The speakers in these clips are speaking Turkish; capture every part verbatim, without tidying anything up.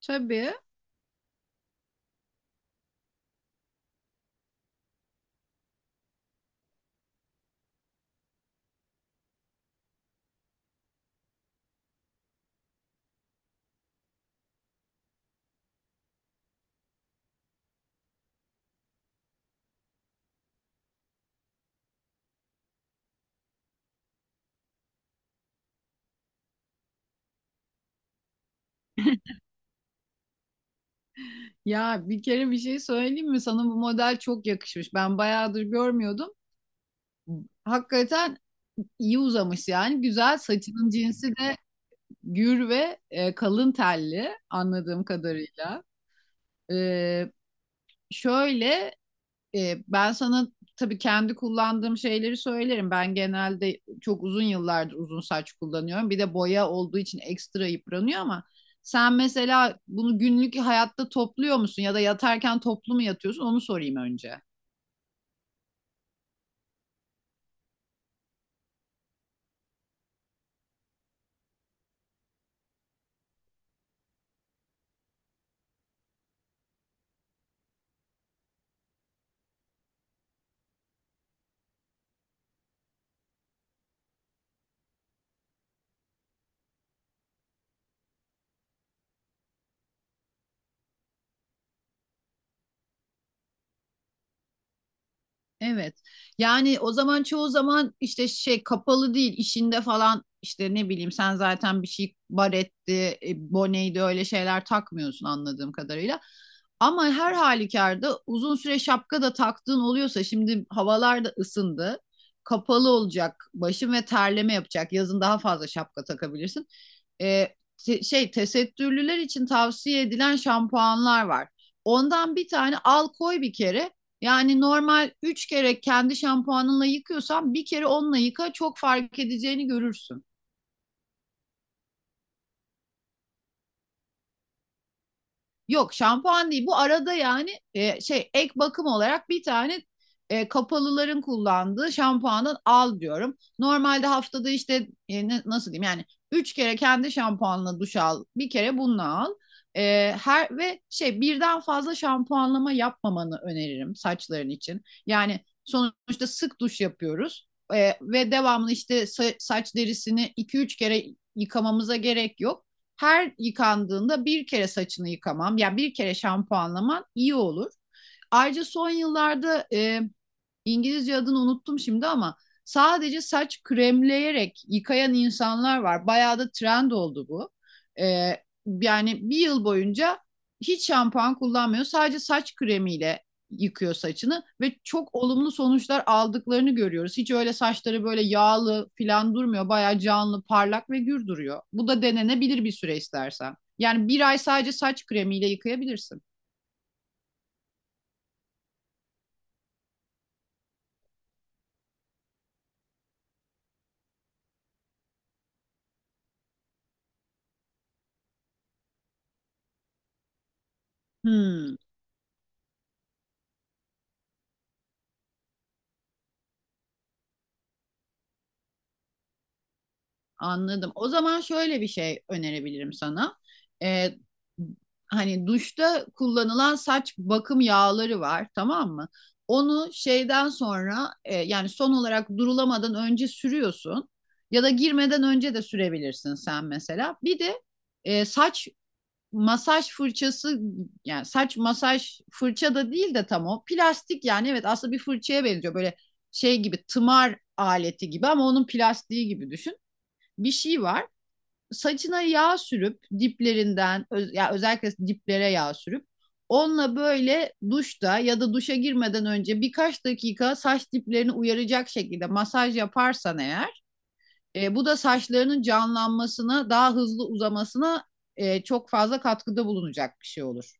Tabii. Ya bir kere bir şey söyleyeyim mi? Sana bu model çok yakışmış. Ben bayağıdır görmüyordum. Hakikaten iyi uzamış yani. Güzel. Saçının cinsi de gür ve e, kalın telli anladığım kadarıyla. E, şöyle E, ben sana tabii kendi kullandığım şeyleri söylerim. Ben genelde çok uzun yıllardır uzun saç kullanıyorum. Bir de boya olduğu için ekstra yıpranıyor ama sen mesela bunu günlük hayatta topluyor musun ya da yatarken toplu mu yatıyorsun? Onu sorayım önce. Evet. Yani o zaman çoğu zaman işte şey kapalı değil işinde falan işte ne bileyim sen zaten bir şey baretti, e, boneydi öyle şeyler takmıyorsun anladığım kadarıyla. Ama her halükarda uzun süre şapka da taktığın oluyorsa şimdi havalar da ısındı. Kapalı olacak başın ve terleme yapacak. Yazın daha fazla şapka takabilirsin. E, te- şey tesettürlüler için tavsiye edilen şampuanlar var. Ondan bir tane al koy bir kere. Yani normal üç kere kendi şampuanınla yıkıyorsan bir kere onunla yıka çok fark edeceğini görürsün. Yok şampuan değil. Bu arada yani e, şey ek bakım olarak bir tane e, kapalıların kullandığı şampuanı al diyorum. Normalde haftada işte e, ne- nasıl diyeyim yani üç kere kendi şampuanla duş al. Bir kere bununla al. E, her ve şey birden fazla şampuanlama yapmamanı öneririm saçların için. Yani sonuçta sık duş yapıyoruz. E, ve devamlı işte sa- saç derisini iki üç kere yıkamamıza gerek yok her yıkandığında bir kere saçını yıkamam, yani bir kere şampuanlaman iyi olur. Ayrıca son yıllarda e, İngilizce adını unuttum şimdi ama sadece saç kremleyerek yıkayan insanlar var. Bayağı da trend oldu bu. Ee, yani bir yıl boyunca hiç şampuan kullanmıyor. Sadece saç kremiyle yıkıyor saçını ve çok olumlu sonuçlar aldıklarını görüyoruz. Hiç öyle saçları böyle yağlı falan durmuyor. Bayağı canlı, parlak ve gür duruyor. Bu da denenebilir bir süre istersen. Yani bir ay sadece saç kremiyle yıkayabilirsin. Hmm. Anladım. O zaman şöyle bir şey önerebilirim sana. Ee, hani duşta kullanılan saç bakım yağları var, tamam mı? Onu şeyden sonra e, yani son olarak durulamadan önce sürüyorsun ya da girmeden önce de sürebilirsin sen mesela. Bir de e, saç masaj fırçası yani saç masaj fırça da değil de tam o plastik yani evet aslında bir fırçaya benziyor böyle şey gibi tımar aleti gibi ama onun plastiği gibi düşün bir şey var. Saçına yağ sürüp diplerinden öz- ya özellikle diplere yağ sürüp onunla böyle duşta ya da duşa girmeden önce birkaç dakika saç diplerini uyaracak şekilde masaj yaparsan eğer e, bu da saçlarının canlanmasına daha hızlı uzamasına e, çok fazla katkıda bulunacak bir şey olur.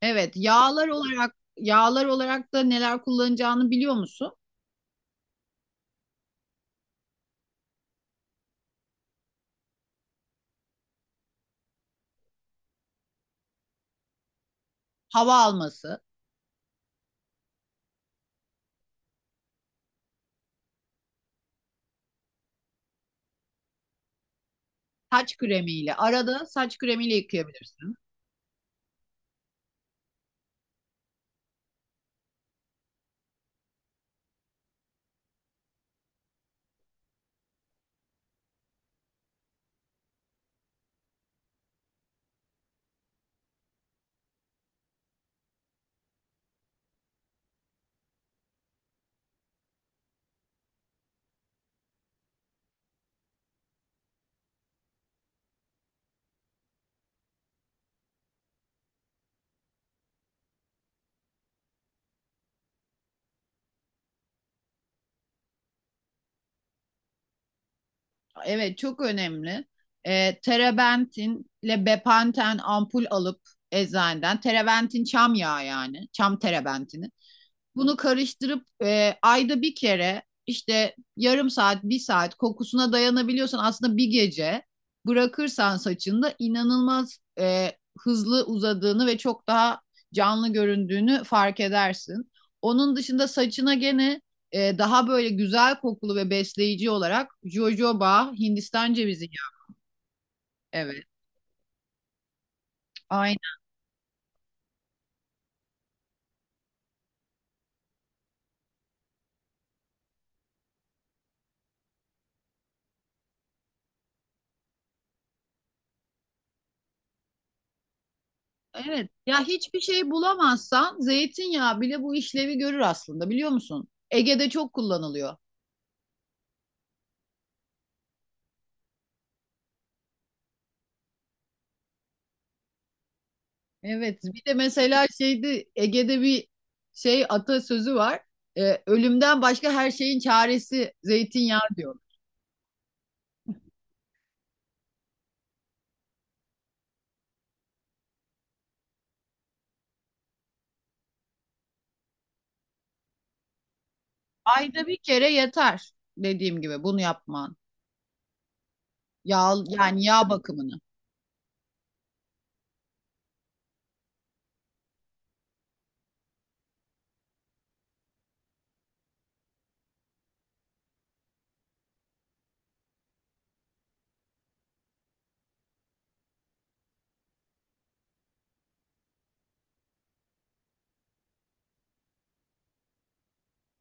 Evet, yağlar olarak yağlar olarak da neler kullanacağını biliyor musun? Hava alması, saç kremiyle arada saç kremiyle yıkayabilirsin. Evet çok önemli. E, terebentinle bepanten ampul alıp eczaneden. Terebentin çam yağı yani. Çam terebentini. Bunu karıştırıp e, ayda bir kere işte yarım saat, bir saat kokusuna dayanabiliyorsan aslında bir gece bırakırsan saçında inanılmaz e, hızlı uzadığını ve çok daha canlı göründüğünü fark edersin. Onun dışında saçına gene e, daha böyle güzel kokulu ve besleyici olarak jojoba, Hindistan cevizi yağı. Evet, aynen. Evet. Ya hiçbir şey bulamazsan zeytinyağı bile bu işlevi görür aslında biliyor musun? Ege'de çok kullanılıyor. Evet, bir de mesela şeydi Ege'de bir şey atasözü var. Ee, ölümden başka her şeyin çaresi zeytinyağı diyor. Ayda bir kere yeter dediğim gibi bunu yapman. Yağ yani yağ bakımını.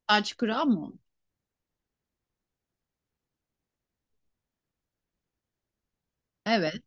Saç kıran mı? Evet.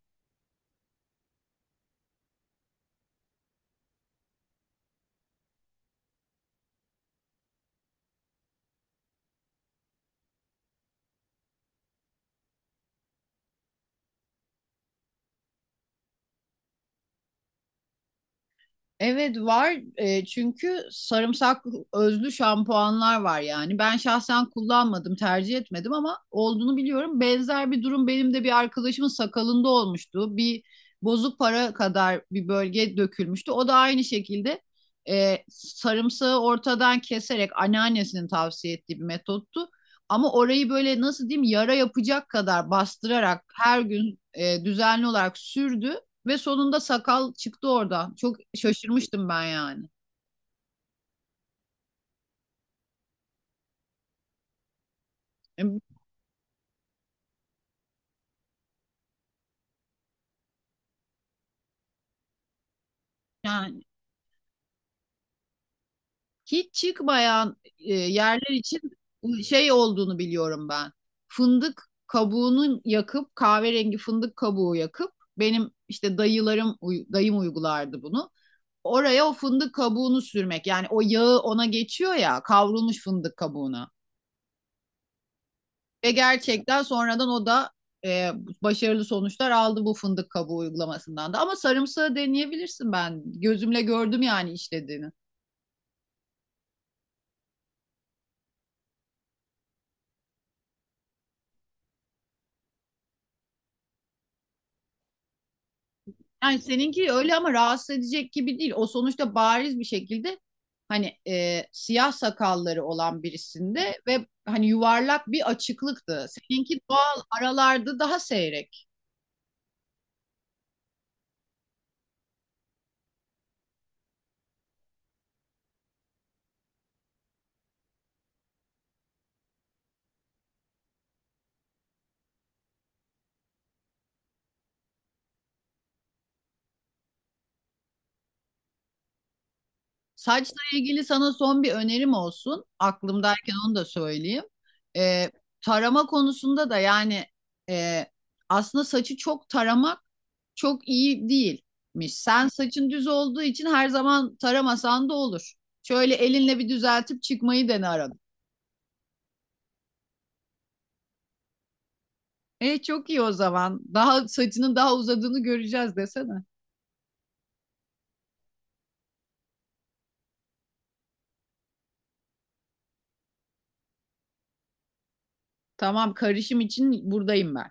Evet var. E, çünkü sarımsak özlü şampuanlar var yani. Ben şahsen kullanmadım, tercih etmedim ama olduğunu biliyorum. Benzer bir durum benim de bir arkadaşımın sakalında olmuştu. Bir bozuk para kadar bir bölge dökülmüştü. O da aynı şekilde e, sarımsağı ortadan keserek anneannesinin tavsiye ettiği bir metottu. Ama orayı böyle nasıl diyeyim yara yapacak kadar bastırarak her gün e, düzenli olarak sürdü. Ve sonunda sakal çıktı oradan. Çok şaşırmıştım ben yani. Yani hiç çıkmayan e, yerler için bu şey olduğunu biliyorum ben. Fındık kabuğunu yakıp kahverengi fındık kabuğu yakıp benim işte dayılarım uy- dayım uygulardı bunu. Oraya o fındık kabuğunu sürmek. Yani o yağı ona geçiyor ya kavrulmuş fındık kabuğuna. Ve gerçekten sonradan o da e, başarılı sonuçlar aldı bu fındık kabuğu uygulamasından da. Ama sarımsağı deneyebilirsin ben. Gözümle gördüm yani işlediğini. Yani seninki öyle ama rahatsız edecek gibi değil. O sonuçta bariz bir şekilde hani e, siyah sakalları olan birisinde ve hani yuvarlak bir açıklıktı. Seninki doğal aralarda daha seyrek. Saçla ilgili sana son bir önerim olsun. Aklımdayken onu da söyleyeyim. Ee, tarama konusunda da yani e, aslında saçı çok taramak çok iyi değilmiş. Sen saçın düz olduğu için her zaman taramasan da olur. Şöyle elinle bir düzeltip çıkmayı dene arada. E çok iyi o zaman. Daha saçının daha uzadığını göreceğiz desene. Tamam karışım için buradayım ben.